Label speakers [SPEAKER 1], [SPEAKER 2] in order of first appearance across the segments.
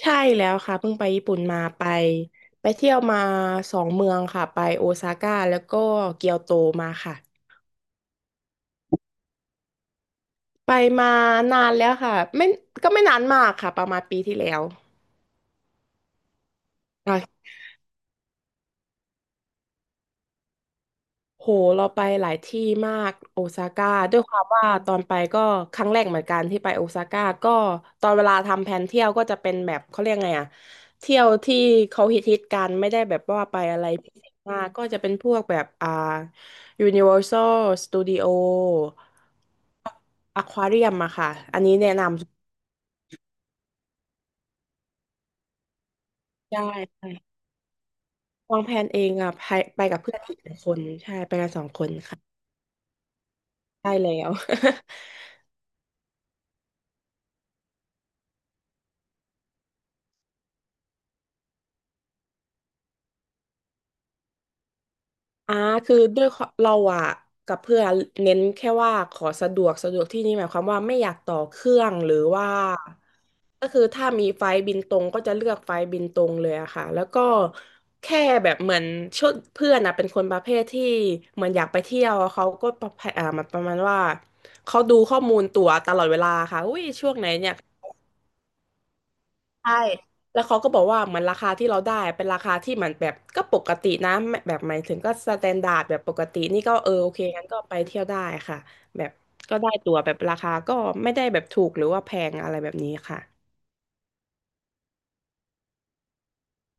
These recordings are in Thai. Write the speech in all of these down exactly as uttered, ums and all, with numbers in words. [SPEAKER 1] ใช่แล้วค่ะเพิ่งไปญี่ปุ่นมาไปไปเที่ยวมาสองเมืองค่ะไปโอซาก้าแล้วก็เกียวโตมาค่ะไปมานานแล้วค่ะไม่ก็ไม่นานมากค่ะประมาณปีที่แล้ว โหเราไปหลายที่มากโอซาก้าด้วยความว่าตอนไปก็ครั้งแรกเหมือนกันที่ไปโอซาก้าก็ตอนเวลาทำแผนเที่ยวก็จะเป็นแบบเขาเรียกไงอะเที่ยวที่เขาฮิตฮิตกันไม่ได้แบบว่าไปอะไรพิเศษมากก็จะเป็นพวกแบบอ่า Universal Studio Aquarium อะค่ะอันนี้แนะนำใช่ใช่วางแผนเองอะไปไปกับเพื่อนอีกหนึ่งคนใช่ไปกันสองคนค่ะได้แล้ว อ่าคือด้วยควาเราอะกับเพื่อนเน้นแค่ว่าขอสะดวกสะดวกที่นี่หมายความว่าไม่อยากต่อเครื่องหรือว่าก็คือถ้ามีไฟล์บินตรงก็จะเลือกไฟล์บินตรงเลยอะค่ะแล้วก็แค่แบบเหมือนชุดเพื่อนอะเป็นคนประเภทที่เหมือนอยากไปเที่ยวอะเขาก็ประเภทอ่ามาประมาณว่าเขาดูข้อมูลตั๋วตลอดเวลาค่ะอุ้ยช่วงไหนเนี่ย ใช่ แล้วเขาก็บอกว่าเหมือนราคาที่เราได้เป็นราคาที่เหมันแบบก็ปกตินะไม่แบบหมายถึงก็สแตนดาร์ดแบบปกตินี่ก็เออโอเคงั้นก็ไปเที่ยวได้ค่ะแบบก็ได้ตั๋วแบบราคาก็ไม่ได้แบบถูกหรือว่าแพงอะไรแบบนี้ค่ะ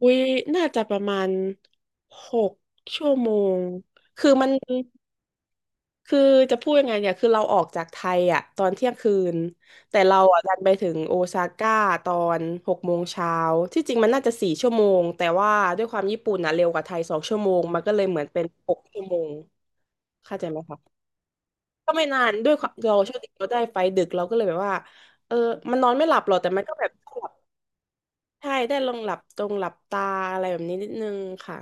[SPEAKER 1] อุ้ยน่าจะประมาณหกชั่วโมงคือมัน คือจะพูดยังไงเนี่ยคือเราออกจากไทยอ่ะตอนเที่ยงคืน แต่เราอ่ะดันไปถึงโอซาก้าตอนหกโมงเช้า ที่จริงมันน่าจะสี่ชั่วโมง แต่ว่าด้วยความญี่ปุ่นอ่ะเร็วกว่าไทยสองชั่วโมง มันก็เลยเหมือนเป็นหกชั่วโมงเข้าใจไหมคะ ก็ไม่นานด้วยความเราโชคดีเราได้ไฟดึกเราก็เลยแบบว่าเออมันนอนไม่หลับหรอกแต่มันก็แบบหลับใช่ได้ลองหลับตรงหลับตาอะไรแบบนี้นิดนึงค่ะ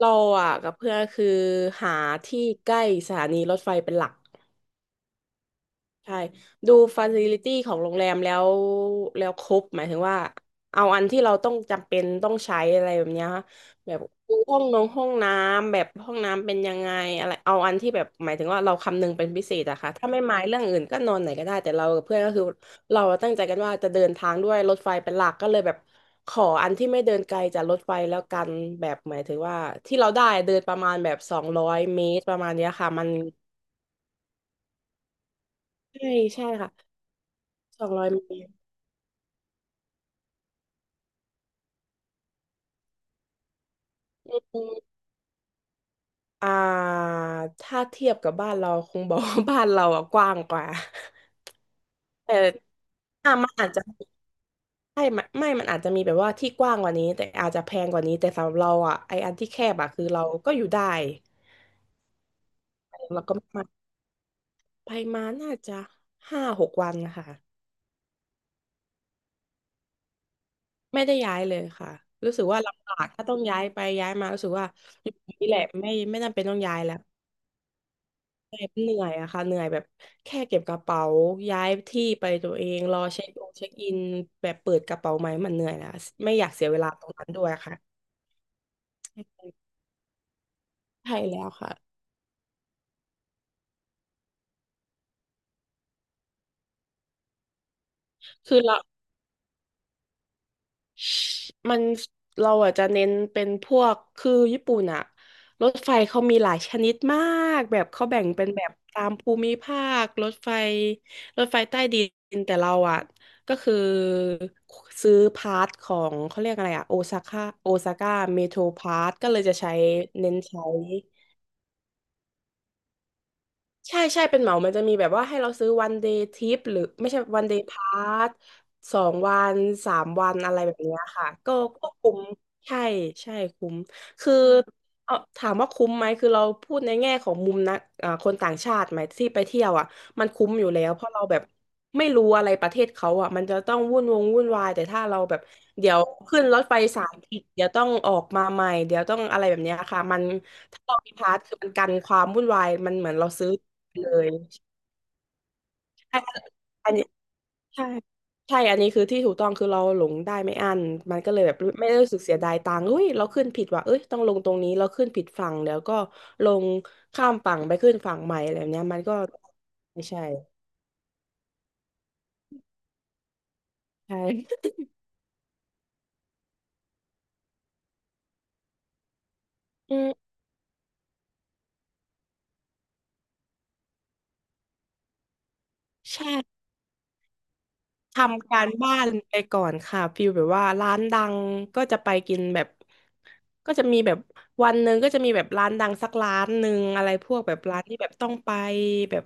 [SPEAKER 1] เราอ่ะกับเพื่อนคือหาที่ใกล้สถานีรถไฟเป็นหลัก ใช่ดูฟ a ซิลิตี้ของโรงแรมแล้วแล้วครบหมายถึงว่าเอาอันที่เราต้องจำเป็นต้องใช้อะไรแบบเนี้ยค่ะแบบดูห้องนงห้องน้ำแบบห้องน้ำเป็นยังไงอะไรเอาอันที่แบบหมายถึงว่าเราคำนึงเป็นพิเศษอะค่ะถ้าไม่หมายเรื่องอื่นก็นอนไหนก็ได้แต่เรากับเพื่อนก็คือเราตั้งใจกันว่าจะเดินทางด้วยรถไฟเป็นหลักก็เลยแบบขออันที่ไม่เดินไกลจากรถไฟแล้วกันแบบหมายถึงว่าที่เราได้เดินประมาณแบบสองร้อยเมตรประมาณเนี้ยค่ะมันใช่ใช่ค่ะสองร้อยเมตร อ่าถ้าเทียบกับบ้านเราคง บอกว่าบ้านเราอะกว้างกว่าแต่อ่ามันอาจจะใช่ไม่ไม่มันอาจจะมีแบบว่าที่กว้างกว่านี้แต่อาจจะแพงกว่านี้แต่สำหรับเราอ่ะไออันที่แคบอ่ะคือเราก็อยู่ได้เราก็มาไปมาน่าจะห้าหกวันนะคะไม่ได้ย้ายเลยค่ะรู้สึกว่าลำบากถ้าต้องย้ายไปย้ายมารู้สึกว่าอยู่นี่แหละไม่ไม่จำเป็นต้องย้ายแล้ว เหน็บเหนื่อยอะค่ะเหนื่อยแบบแค่เก็บกระเป๋าย้ายที่ไปตัวเองรอเช็คองเช็คอินแบบเปิดกระเป๋าไหมมันเหนื่อยแล้วไม่อยากเสียเวลาตรงนั้นด้วยค่ะใช่แล้วค่ะคือเรา มันเราอาจจะเน้นเป็นพวกคือญี่ปุ่นอะรถไฟเขามีหลายชนิดมากแบบเขาแบ่งเป็นแบบตามภูมิภาครถไฟรถไฟใต้ดินแต่เราอะก็คือซื้อพาร์ทของเขาเรียกอะไรอะโอซาก้าโอซาก้าเมโทรพาร์ทก็เลยจะใช้เน้นใช้ ใช่ใช่เป็นเหมามันจะมีแบบว่าให้เราซื้อวันเดย์ทริปหรือไม่ใช่วันเดย์พาสสองวันสามวันอะไรแบบเนี้ยค่ะก็ก็คุ้มใช่ใช่คุ้มคือเออถามว่าคุ้มไหมคือเราพูดในแง่ของมุมนะอ่าคนต่างชาติไหมที่ไปเที่ยวอ่ะมันคุ้มอยู่แล้วเพราะเราแบบไม่รู้อะไรประเทศเขาอ่ะมันจะต้องวุ่นวงวุ่นวายแต่ถ้าเราแบบเดี๋ยวขึ้นรถไฟสายผิดเดี๋ยวต้องออกมาใหม่เดี๋ยวต้องอะไรแบบเนี้ยค่ะมันถ้าเรามีพาสคือมันกันความวุ่นวายมันเหมือนเราซื้อ เลยใช่อันนี้ใช่ใช่อันนี้คือที่ถูกต้องคือเราหลงได้ไม่อั้นมันก็เลยแบบไม่ได้รู้สึกเสียดายตังค์เฮ้ยเราขึ้นผิดว่ะเอ้ยต้องลงตรงนี้เราขึ้นผิดฝั่งแล้วก็ลงข้ามฝั่งไปขึ้นฝั่งใหม่อะไรแบบเนี้ยมันก็ไม่ใช่ใช่ อืมใช่ ทำการบ้านไปก่อนค่ะฟิลแบบว่าร้านดังก็จะไปกินแบบก็จะมีแบบวันหนึ่งก็จะมีแบบร้านดังสักร้านหนึ่งอะไรพวกแบบร้านที่แบบต้องไปแบบ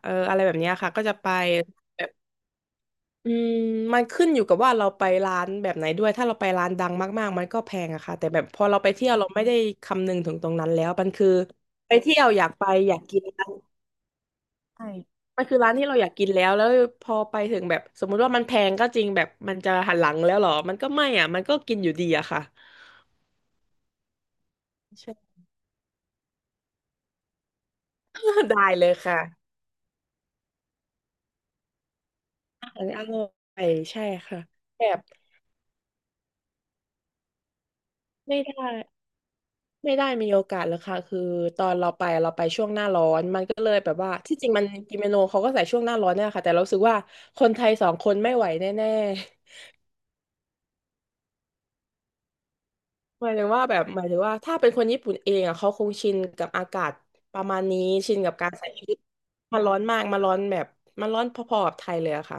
[SPEAKER 1] เอออะไรแบบเนี้ยค่ะก็จะไปแบบอืมมันขึ้นอยู่กับว่าเราไปร้านแบบไหนด้วยถ้าเราไปร้านดังมากๆมันก็แพงอะค่ะแต่แบบพอเราไปเที่ยวเราไม่ได้คำนึงถึงตรงนั้นแล้วมันคือไปเที่ยวอยากไปอยากกิน ใช่มันคือร้านที่เราอยากกินแล้ว แล้วพอไปถึงแบบสมมุติว่ามันแพงก็จริงแบบมันจะหันหลังแล้วเหรอมันก็ไม่อ่ะมันก็กินอยู่ดีอะค่ะใช่ ได้เลยค่ะอาหารอร่อยใช่ค่ะ แบบไม่ได้ไม่ได้มีโอกาสเลยค่ะคือตอนเราไปเราไปช่วงหน้าร้อนมันก็เลยแบบว่าที่จริงมันกินเมนูเขาก็ใส่ช่วงหน้าร้อนเนี่ยค่ะแต่เรารู้สึกว่าคนไทยสองคนไม่ไหวแน่ หมายถึงว่าแบบหมายถึงว่าถ้าเป็นคนญี่ปุ่นเองอ่ะเขาคงชินกับอากาศประมาณนี้ชินกับการใส่ชุดมันร้อนมากมันร้อนแบบมันร้อนพอๆกับไทยเลยอะค่ะ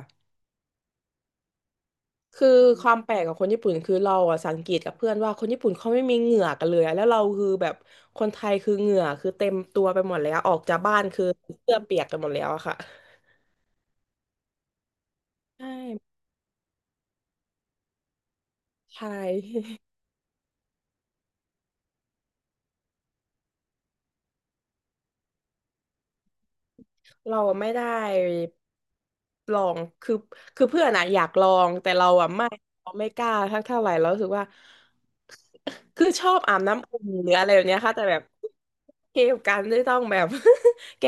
[SPEAKER 1] คือความแปลกของคนญี่ปุ่นคือเราอ่ะสังเกตกับเพื่อนว่าคนญี่ปุ่นเขาไม่มีเหงื่อกันเลยอะแล้วเราคือแบบคนไทยคือเหงื่อคือเต็มตัวไปหมดแล้วออกจากบ้านคือเสื้อเปียกกันหมดแล้วอะค่ะใช่ใช่ เราอะไม่ได้ลองคือคือเพื่อนอะอยากลองแต่เราอะไม่เราไม่กล้าทักเท่าไหร่เรารู้สึกว่า คือชอบอาบน้ำอุ่นหรืออะไรแบบเนี้ยค่ะแต่แบบเกมกันไม่ต้องแบบ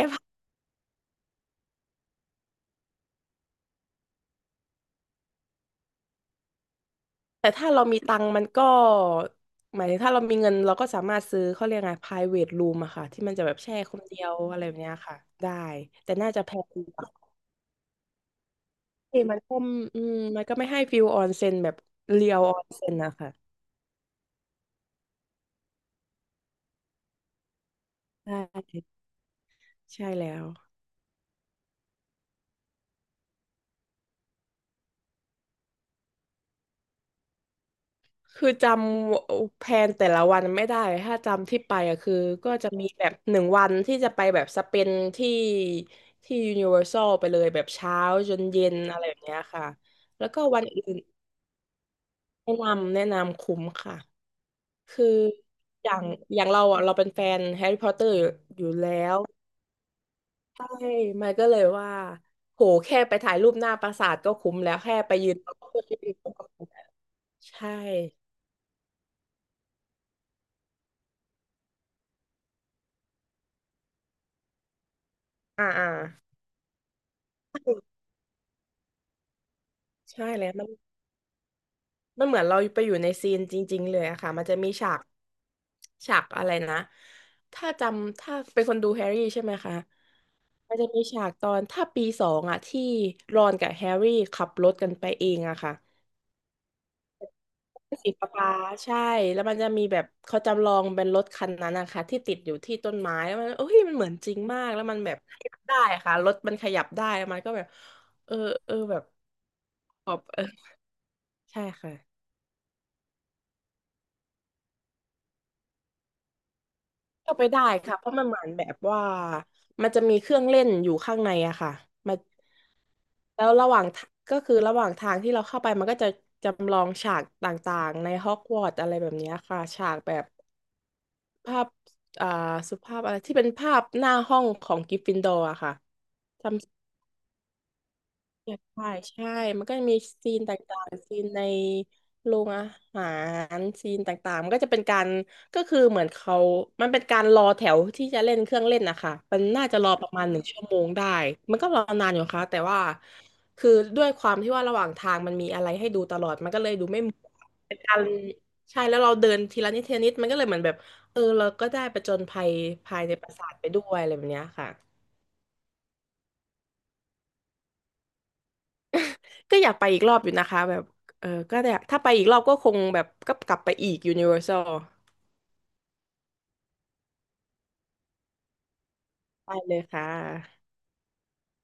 [SPEAKER 1] แต่ถ้าเรามีตังค์มันก็หมายถึงถ้าเรามีเงินเราก็สามารถซื้อเขาเรียกไง ไพรเวทรูม อะค่ะที่มันจะแบบแช่คนเดียวอะไรแบบเนี้ยค่ะได้แต่น่าจะแพงกว่าที่มันก็อืมมันก็ไม่ให้ฟิลออนเซ็นแบบเรียวออนเซ็นนะคะใช่ใช่แล้ว คือจำแพลนแต่ละวันไม่ได้ ถ้าจำที่ไปอะคือก็จะมีแบบหนึ่งวันที่จะไปแบบสเปนที่ที่ยูนิเวอร์แซลไปเลยแบบเช้าจนเย็นอะไรแบบเนี้ยค่ะ แล้วก็วันอื่นแนะนำแนะนำคุ้มค่ะ คืออย่างอย่างเราอะเราเป็นแฟนแฮร์รี่พอตเตอร์อยู่อยู่แล้วใช่มันก็เลยว่าโหแค่ไปถ่ายรูปหน้าปราสาทก็คุ้มแล้วแค่ไปยืนรอก็คุ้มแล้วใช่ อ่าอ่าใช่แล้วมัน มันเหมือนเราไปอยู่ในซีนจริงๆเลยอะค่ะ มันจะมีฉากฉากอะไรนะถ้าจำถ้าเป็นคนดูแฮร์รี่ใช่ไหมคะมันจะมีฉากตอนถ้าปีสองอะที่รอนกับแฮร์รี่ขับรถกันไปเองอะค่ะสีฟ้าๆใช่ แล้วมันจะมีแบบเขาจำลองเป็นรถคันนั้นนะคะที่ติดอยู่ที่ต้นไม้แล้วมันโอ้ยมันเหมือนจริงมากแล้วมันแบบขยับได้อะค่ะรถมันขยับได้แล้วมันก็แบบเออเออแบบขอบเออใช่ค่ะ เข้าไปได้ค่ะเพราะมันเหมือนแบบว่ามันจะมีเครื่องเล่นอยู่ข้างในอะค่ะมาแล้วระหว่างทาก็คือระหว่างทางที่เราเข้าไปมันก็จะจำลองฉากต่างๆในฮอกวอตส์อะไรแบบเนี้ยค่ะฉากแบบภาพอ่าสุภาพอะไรที่เป็นภาพหน้าห้องของกริฟฟินดอร์อะค่ะ อยากถ่ายใช่มันก็จะมีซีนต่างๆซีนในโรงอาหารซีนต่างๆมันก็จะเป็นการก็คือเหมือนเขามันเป็นการรอแถวที่จะเล่นเครื่องเล่นนะคะมันน่าจะรอประมาณหนึ่งชั่วโมงได้ มันก็รอนานอยู่ค่ะแต่ว่าคือด้วยความที่ว่าระหว่างทางมันมีอะไรให้ดูตลอดมันก็เลยดูไม่เบื่อเป็นการใช่แล้วเราเดินทีละนิดทีละนิดมันก็เลยเหมือนแบบเออเราก็ได้ผจญภัยภายในปราสาทไปด้วยอะไรแบบเนี้ยค่ะ ก็อยากไปอีกรอบอยู่นะคะแบบเออก็อยากถ้าไปอีกรอบก็คงแบบก็กลับไปอีก ยูนิเวอร์แซล ไปเลยค่ะ